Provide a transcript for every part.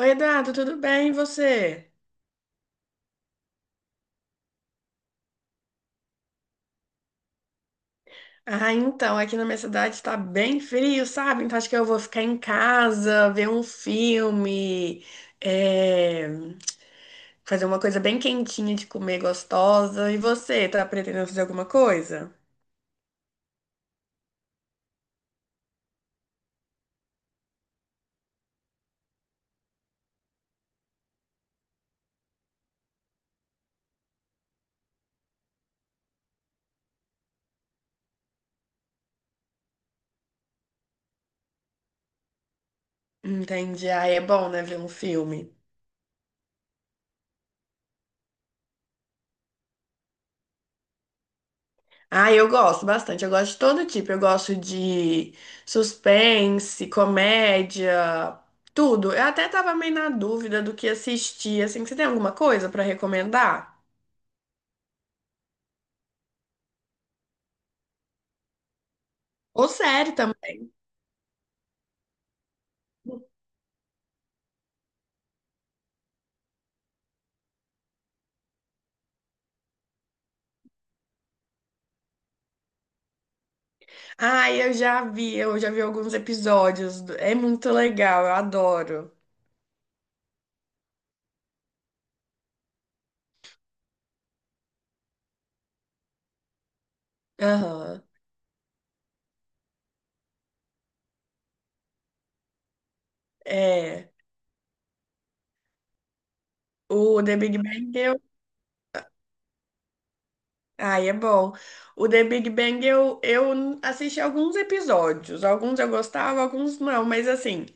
Oi, Eduardo, tudo bem? E você? Ah, então, aqui na minha cidade tá bem frio, sabe? Então acho que eu vou ficar em casa, ver um filme, é, fazer uma coisa bem quentinha de comer, gostosa. E você, tá pretendendo fazer alguma coisa? Entendi. Ah, é bom, né, ver um filme. Ah, eu gosto bastante, eu gosto de todo tipo. Eu gosto de suspense, comédia, tudo. Eu até tava meio na dúvida do que assistir, assim, você tem alguma coisa pra recomendar? Ou série também. Ai, eu já vi alguns episódios. É muito legal, eu adoro. Aham. É. O The Big Bang eu. Ai, é bom. O The Big Bang eu assisti alguns episódios. Alguns eu gostava, alguns não. Mas assim,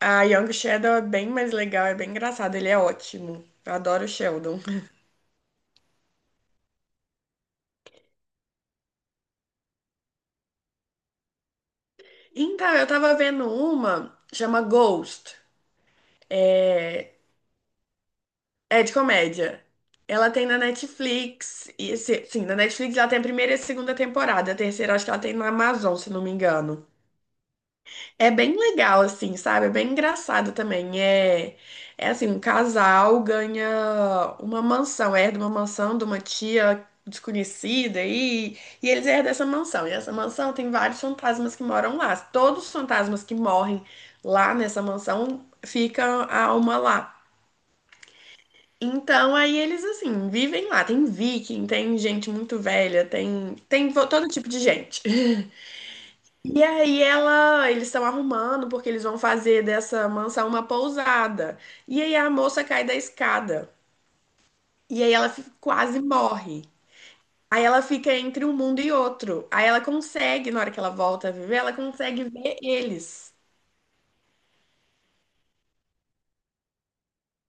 a Young Sheldon é bem mais legal, é bem engraçado. Ele é ótimo. Eu adoro o Sheldon. Então, eu tava vendo uma, chama Ghost. É, é de comédia. Ela tem na Netflix. E, sim, na Netflix ela tem a primeira e a segunda temporada. A terceira acho que ela tem na Amazon, se não me engano. É bem legal, assim, sabe? É bem engraçado também. É, é assim, um casal ganha uma mansão, herda uma mansão de uma tia desconhecida e eles herdam essa mansão. E essa mansão tem vários fantasmas que moram lá. Todos os fantasmas que morrem lá nessa mansão ficam a uma lá. Então, aí eles, assim, vivem lá. Tem viking, tem gente muito velha, todo tipo de gente. E aí ela, eles estão arrumando porque eles vão fazer dessa mansão uma pousada. E aí a moça cai da escada. E aí ela quase morre. Aí ela fica entre um mundo e outro. Aí ela consegue, na hora que ela volta a viver, ela consegue ver eles.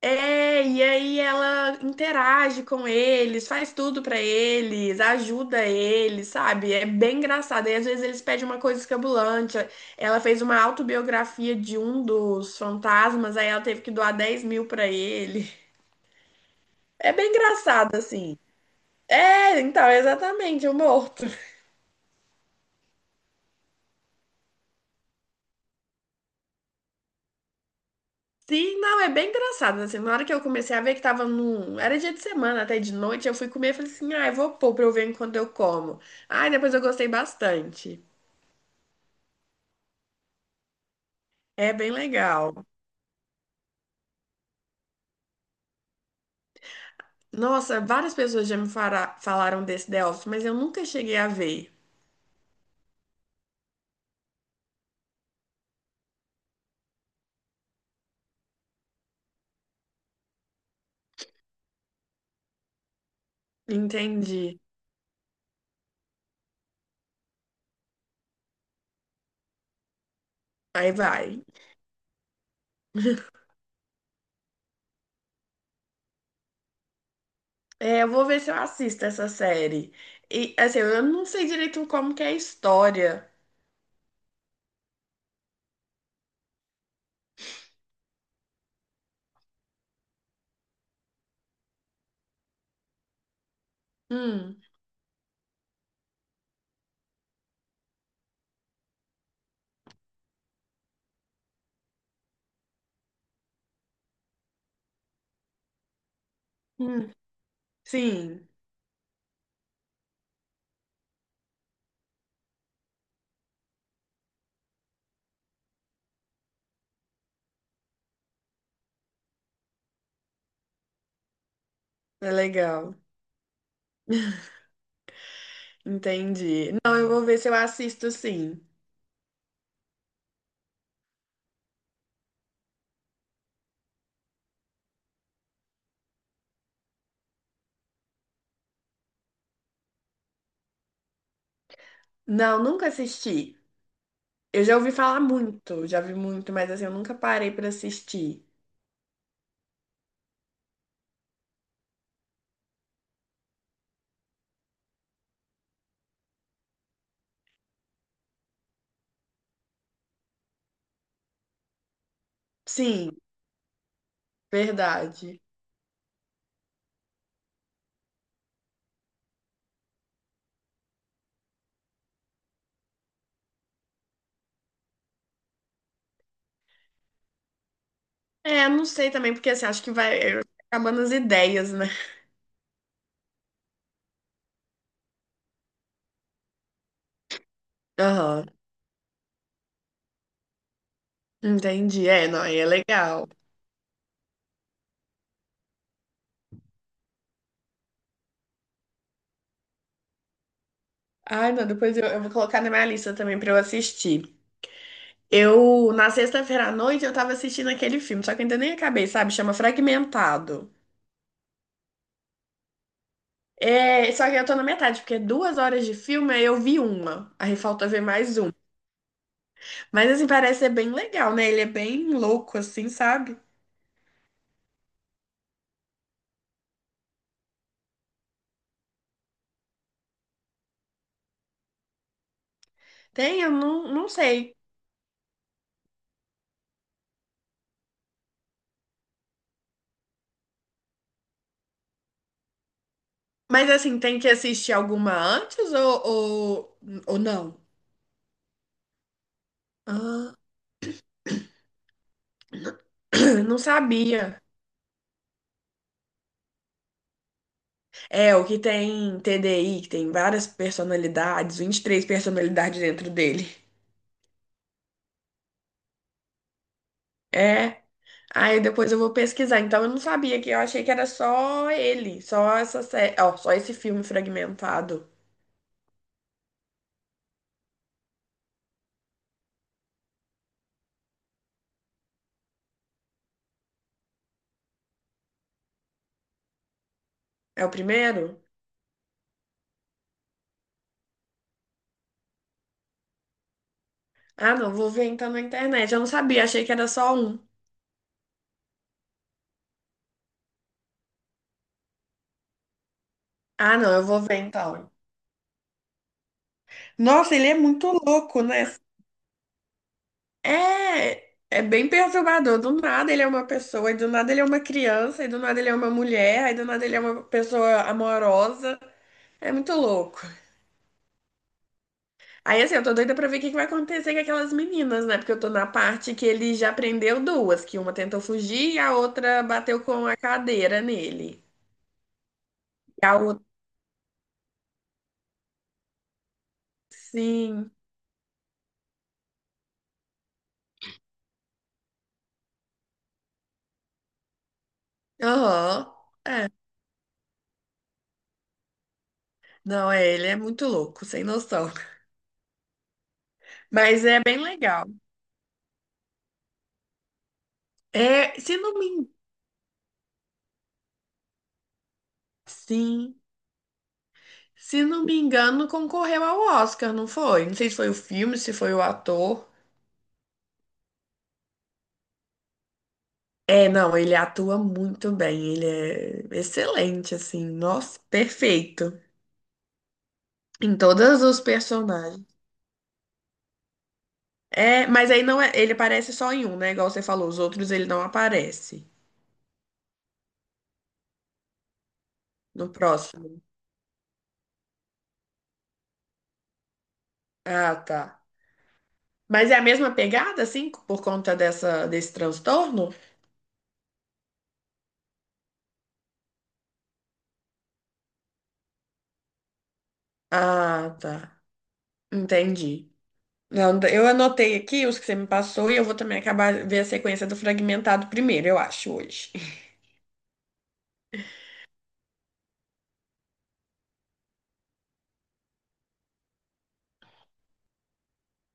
É, e aí ela interage com eles, faz tudo pra eles, ajuda eles, sabe? É bem engraçado. E às vezes eles pedem uma coisa escabulante. Ela fez uma autobiografia de um dos fantasmas, aí ela teve que doar 10 mil pra ele. É bem engraçado, assim. É, então, exatamente, o morto. Sim, não, é bem engraçado, assim, na hora que eu comecei a ver que tava num... Era dia de semana, até de noite, eu fui comer e falei assim, ah, eu vou pôr pra eu ver enquanto eu como. Ah, depois eu gostei bastante. É bem legal. Nossa, várias pessoas já falaram desse The Office, mas eu nunca cheguei a ver. Entendi. Aí vai. É, eu vou ver se eu assisto essa série. E, assim, eu não sei direito como que é a história. Hum, hum, sim. É legal. Entendi. Não, eu vou ver se eu assisto, sim. Não, nunca assisti. Eu já ouvi falar muito, já vi muito, mas assim, eu nunca parei pra assistir. Sim, verdade. É, não sei também, porque assim, acho que vai é, acabando as ideias, né? Aham, entendi. É, não, aí é legal. Ai, não, eu vou colocar na minha lista também pra eu assistir. Eu, na sexta-feira à noite, eu tava assistindo aquele filme, só que eu ainda nem acabei, sabe? Chama Fragmentado. É, só que eu tô na metade, porque é duas horas de filme, aí eu vi uma. Aí falta ver mais um. Mas assim, parece ser bem legal, né? Ele é bem louco, assim, sabe? Tem, eu não, não sei. Mas assim, tem que assistir alguma antes ou não? Ah, não sabia. É, o que tem TDI, que tem várias personalidades, 23 personalidades dentro dele. É. Aí depois eu vou pesquisar. Então eu não sabia que eu achei que era só ele, só essa série, ó, só esse filme fragmentado. É o primeiro? Ah, não, vou ver então na internet. Eu não sabia, achei que era só um. Ah, não, eu vou ver então. Nossa, ele é muito louco, né? É, é bem perturbador. Do nada ele é uma pessoa, e do nada ele é uma criança, e do nada ele é uma mulher, e do nada ele é uma pessoa amorosa. É muito louco. Aí assim, eu tô doida pra ver o que que vai acontecer com aquelas meninas, né? Porque eu tô na parte que ele já prendeu duas, que uma tentou fugir e a outra bateu com a cadeira nele. E a outra, sim. Aham. É. Não, é, ele é muito louco, sem noção. Mas é bem legal. É, se não me engano, sim. Se não me engano, concorreu ao Oscar, não foi? Não sei se foi o filme, se foi o ator. É, não, ele atua muito bem, ele é excelente, assim, nossa, perfeito em todos os personagens. É, mas aí não é, ele aparece só em um, né? Igual você falou, os outros ele não aparece no próximo. Ah, tá. Mas é a mesma pegada, assim, por conta dessa, desse transtorno? Ah, tá. Entendi. Não, eu anotei aqui os que você me passou e eu vou também acabar ver a sequência do fragmentado primeiro, eu acho, hoje.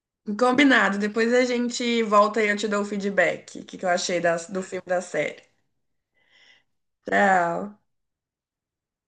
Combinado, depois a gente volta e eu te dou o feedback, o que que eu achei do filme da série. Tchau.